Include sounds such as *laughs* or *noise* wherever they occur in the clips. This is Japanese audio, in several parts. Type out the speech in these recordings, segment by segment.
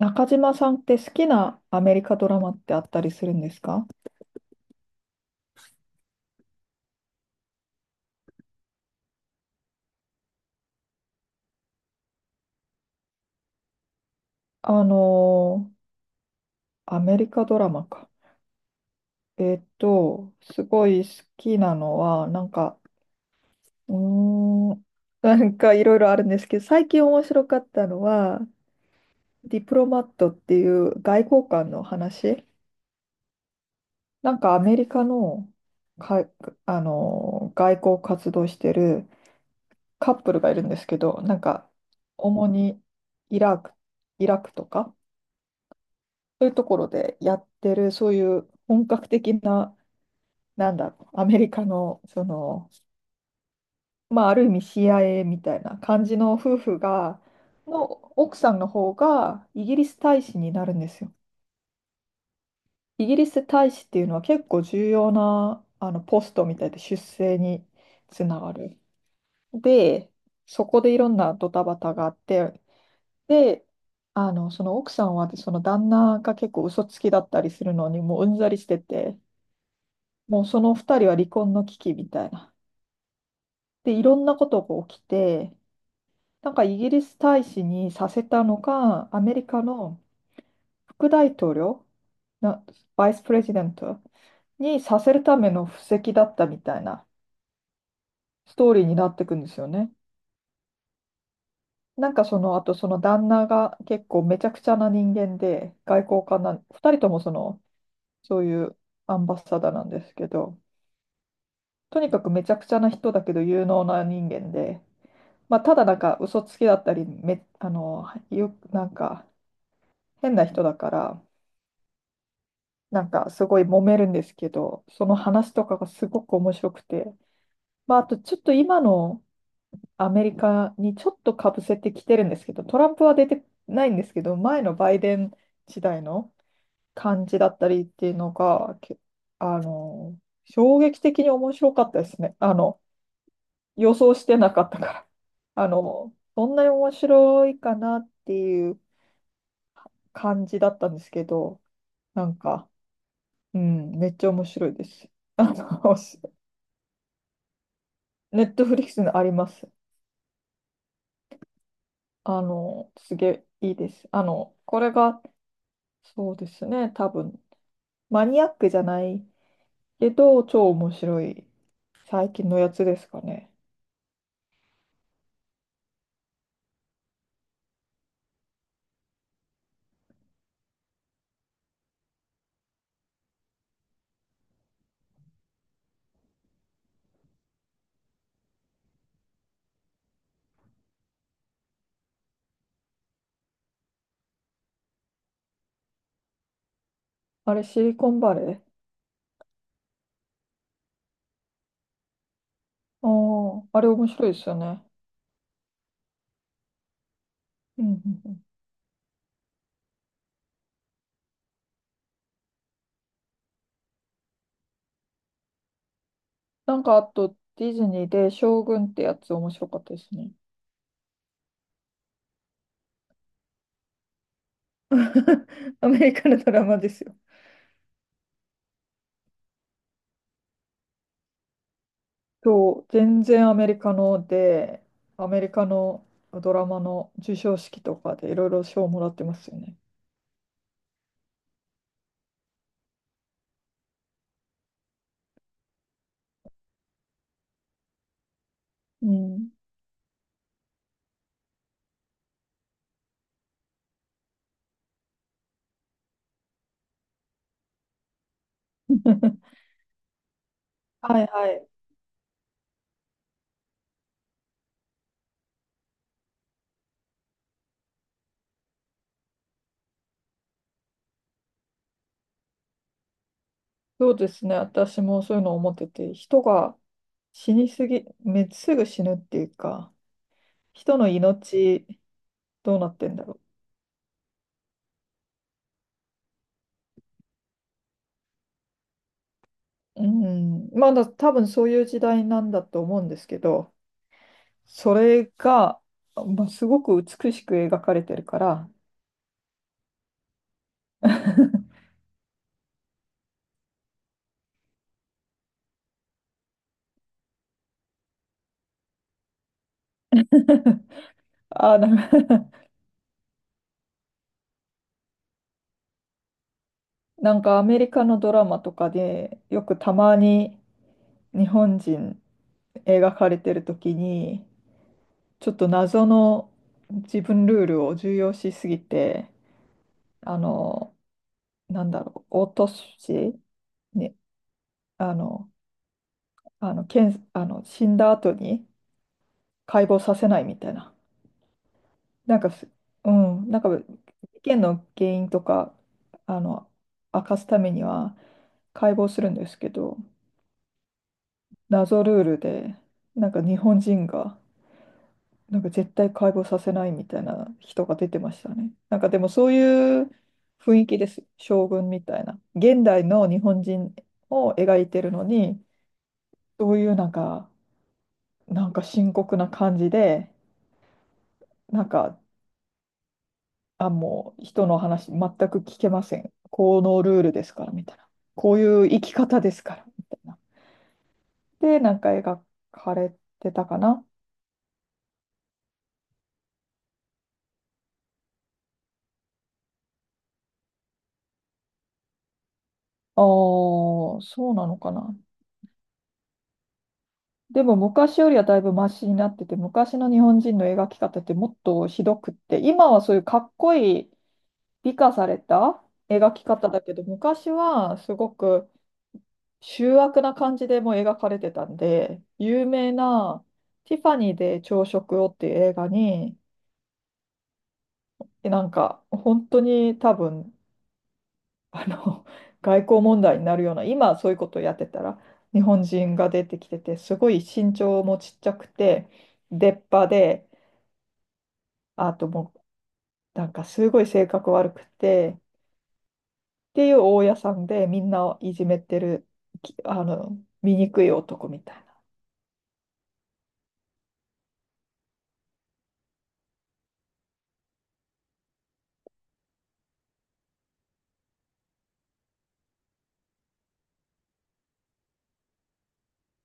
中島さんって好きなアメリカドラマってあったりするんですか？あのーアメリカドラマか。すごい好きなのは、うーん、いろいろあるんですけど、最近面白かったのは、ディプロマットっていう外交官の話。アメリカの、か、あのー外交活動してるカップルがいるんですけど、主にイラク、イラクとか。そういうところでやってる、そういう本格的な、なんだろう、アメリカの、まあ、ある意味 CIA みたいな感じの夫婦が、の奥さんの方がイギリス大使になるんですよ。イギリス大使っていうのは結構重要なあのポストみたいで、出世につながる。で、そこでいろんなドタバタがあって、で、その奥さんはその旦那が結構嘘つきだったりするのにもううんざりしてて、もうその二人は離婚の危機みたいな。で、いろんなことが起きて、イギリス大使にさせたのが、アメリカの副大統領、な、バイスプレジデントにさせるための布石だったみたいなストーリーになっていくんですよね。その、あとその旦那が結構めちゃくちゃな人間で、外交官な、二人ともそういうアンバサダーなんですけど、とにかくめちゃくちゃな人だけど有能な人間で、まあ、ただ嘘つきだったりめ、あの、よ、なんか変な人だから、すごい揉めるんですけど、その話とかがすごく面白くて、まあ、あとちょっと今のアメリカにちょっとかぶせてきてるんですけど、トランプは出てないんですけど、前のバイデン時代の感じだったりっていうのが、けあの、衝撃的に面白かったですね。予想してなかったから。そんなに面白いかなっていう感じだったんですけど、なんか、うん、めっちゃ面白いです。あの、*laughs* ネットフリックスにあります。すげえいいです。あの、これが、そうですね、多分、マニアックじゃないけど、超面白い最近のやつですかね。あれ、シリコンバレー。ああ、あれ面白いですよね。うんうんうん。あと、ディズニーで将軍ってやつ面白かったですね。*laughs* アメリカのドラマですよ。そう、全然アメリカので、アメリカのドラマの授賞式とかでいろいろ賞をもらってますよね。うん。*laughs* はいはい。そうですね。私もそういうのを思ってて、人が死にすぎ、め、すぐ死ぬっていうか、人の命どうなってんだろう。うん。まだ多分そういう時代なんだと思うんですけど、それが、まあ、すごく美しく描かれてるから、*laughs* ああ、かアメリカのドラマとかでよくたまに日本人描かれてる時に、ちょっと謎の自分ルールを重要視しすぎて、あのなんだろう、落としに、あのあの検あの死んだ後に解剖させないみたいな。なんかすうん、事件の原因とか、あの明かすためには解剖するんですけど、謎ルールで、日本人が絶対解剖させないみたいな人が出てましたね。でもそういう雰囲気です。将軍みたいな。現代の日本人を描いてるのに、そういうなんか、なんか深刻な感じで、なんか、あ、もう人の話全く聞けません。このルールですからみたいな。こういう生き方ですからみたいな。で、描かれてたかな。ああ、そうなのかな。でも昔よりはだいぶマシになってて、昔の日本人の描き方ってもっとひどくって、今はそういうかっこいい美化された描き方だけど、昔はすごく醜悪な感じでもう描かれてたんで、有名なティファニーで朝食をっていう映画に、本当に多分、あの、外交問題になるような、今そういうことをやってたら、日本人が出てきてて、すごい身長もちっちゃくて、出っ歯で、あともうすごい性格悪くてっていう大家さんで、みんなをいじめてる、きあの醜い男みたいな。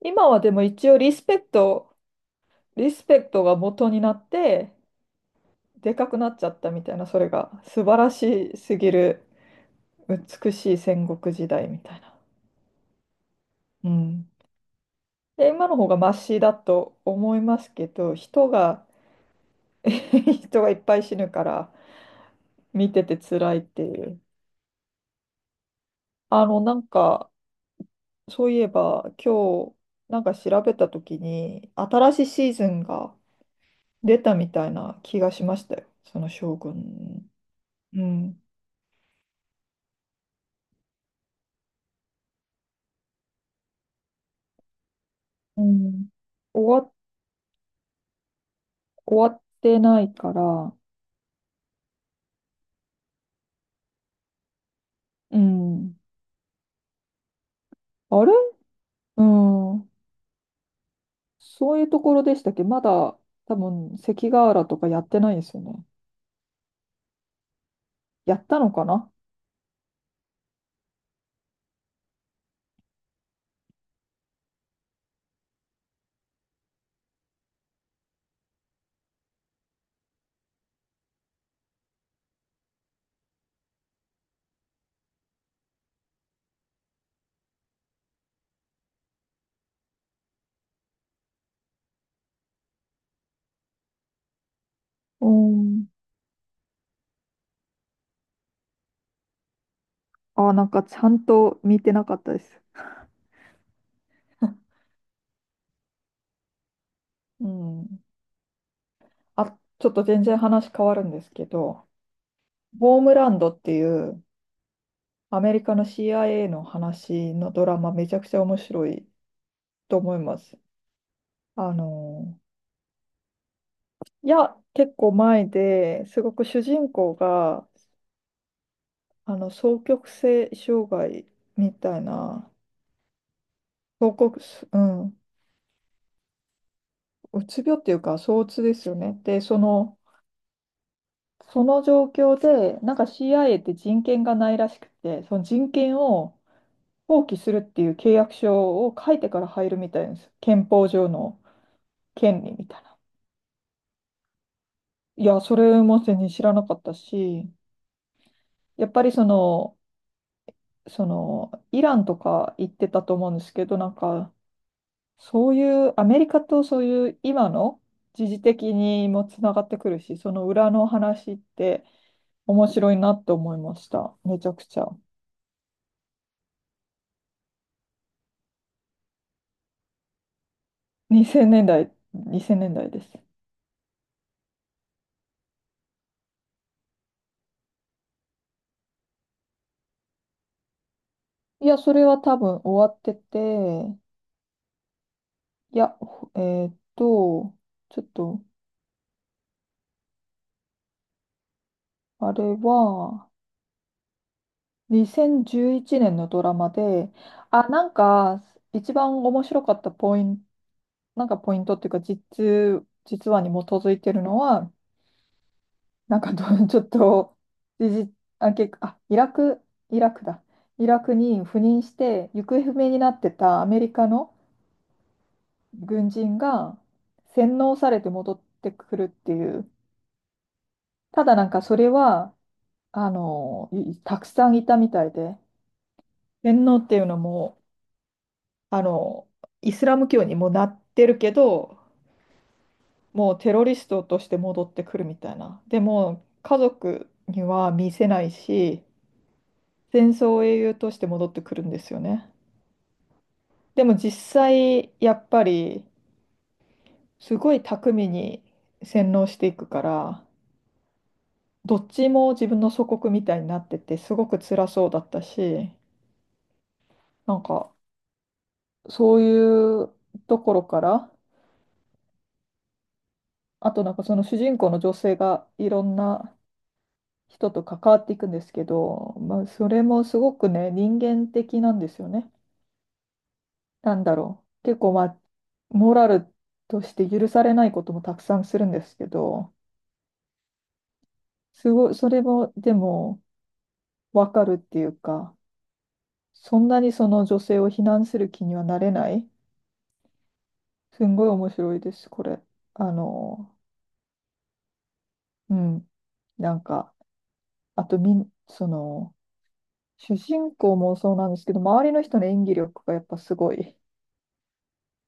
今はでも一応リスペクトが元になって、でかくなっちゃったみたいな、それが素晴らしすぎる美しい戦国時代みたいな、うん、で今の方がマシだと思いますけど、人が *laughs* 人がいっぱい死ぬから見てて辛いっていう。あのなんかそういえば、今日調べたときに、新しいシーズンが出たみたいな気がしましたよ。その将軍。うん。うん。終わ、終わってないから、うん。あれ、うん。そういうところでしたっけ、まだ、多分、関ヶ原とかやってないですよね。やったのかな。うん。あ、ちゃんと見てなかったです。*laughs* うん。あ、ちょっと全然話変わるんですけど、ボームランドっていうアメリカの CIA の話のドラマ、めちゃくちゃ面白いと思います。あの、いや、結構前で、すごく主人公が双極性障害みたいな、双極、うん、うつ病っていうか、躁うつですよね。で、その状況で、CIA って人権がないらしくて、その人権を放棄するっていう契約書を書いてから入るみたいです。憲法上の権利みたいな。いや、それも全然知らなかったし、やっぱりその、イランとか行ってたと思うんですけど、そういう、アメリカと、そういう今の時事的にもつながってくるし、その裏の話って面白いなって思いました。めちゃくちゃ。2000年代、2000年代です。いや、それは多分終わってて、いや、ほえーっと、ちょっと、あれは2011年のドラマで、あ、一番面白かったポイント、ポイントっていうか、実話に基づいてるのは、なんかど、*laughs* ちょっと、時事あ、結あ、イラク、イラクだ。イラクに赴任して、行方不明になってたアメリカの軍人が洗脳されて戻ってくるっていう。ただそれは、たくさんいたみたいで、洗脳っていうのも、あの、イスラム教にもなってるけど、もうテロリストとして戻ってくるみたいな。でも、家族には見せないし、戦争英雄として戻ってくるんですよね。でも実際、やっぱり、すごい巧みに洗脳していくから、どっちも自分の祖国みたいになってて、すごく辛そうだったし、なんか、そういうところから、あとその主人公の女性がいろんな人と関わっていくんですけど、まあ、それもすごくね、人間的なんですよね。なんだろう。結構、まあ、モラルとして許されないこともたくさんするんですけど、すごい、それも、でも、わかるっていうか、そんなにその女性を非難する気にはなれない。すんごい面白いです、これ。あの、うん。なんか、あとみん、その、主人公もそうなんですけど、周りの人の演技力がやっぱすごい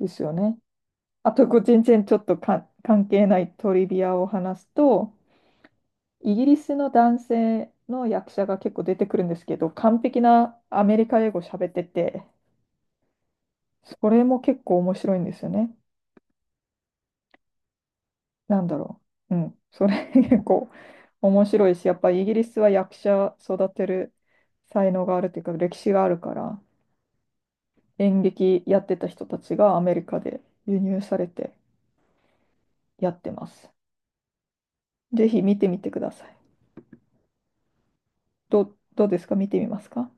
ですよね。あと、こう、全然ちょっと関係ないトリビアを話すと、イギリスの男性の役者が結構出てくるんですけど、完璧なアメリカ英語喋ってて、それも結構面白いんですよね。なんだろう。うん。それ *laughs* 結構面白いし、やっぱイギリスは役者育てる才能があるというか、歴史があるから、演劇やってた人たちがアメリカで輸入されてやってます。ぜひ見てみてください。どうですか、見てみますか？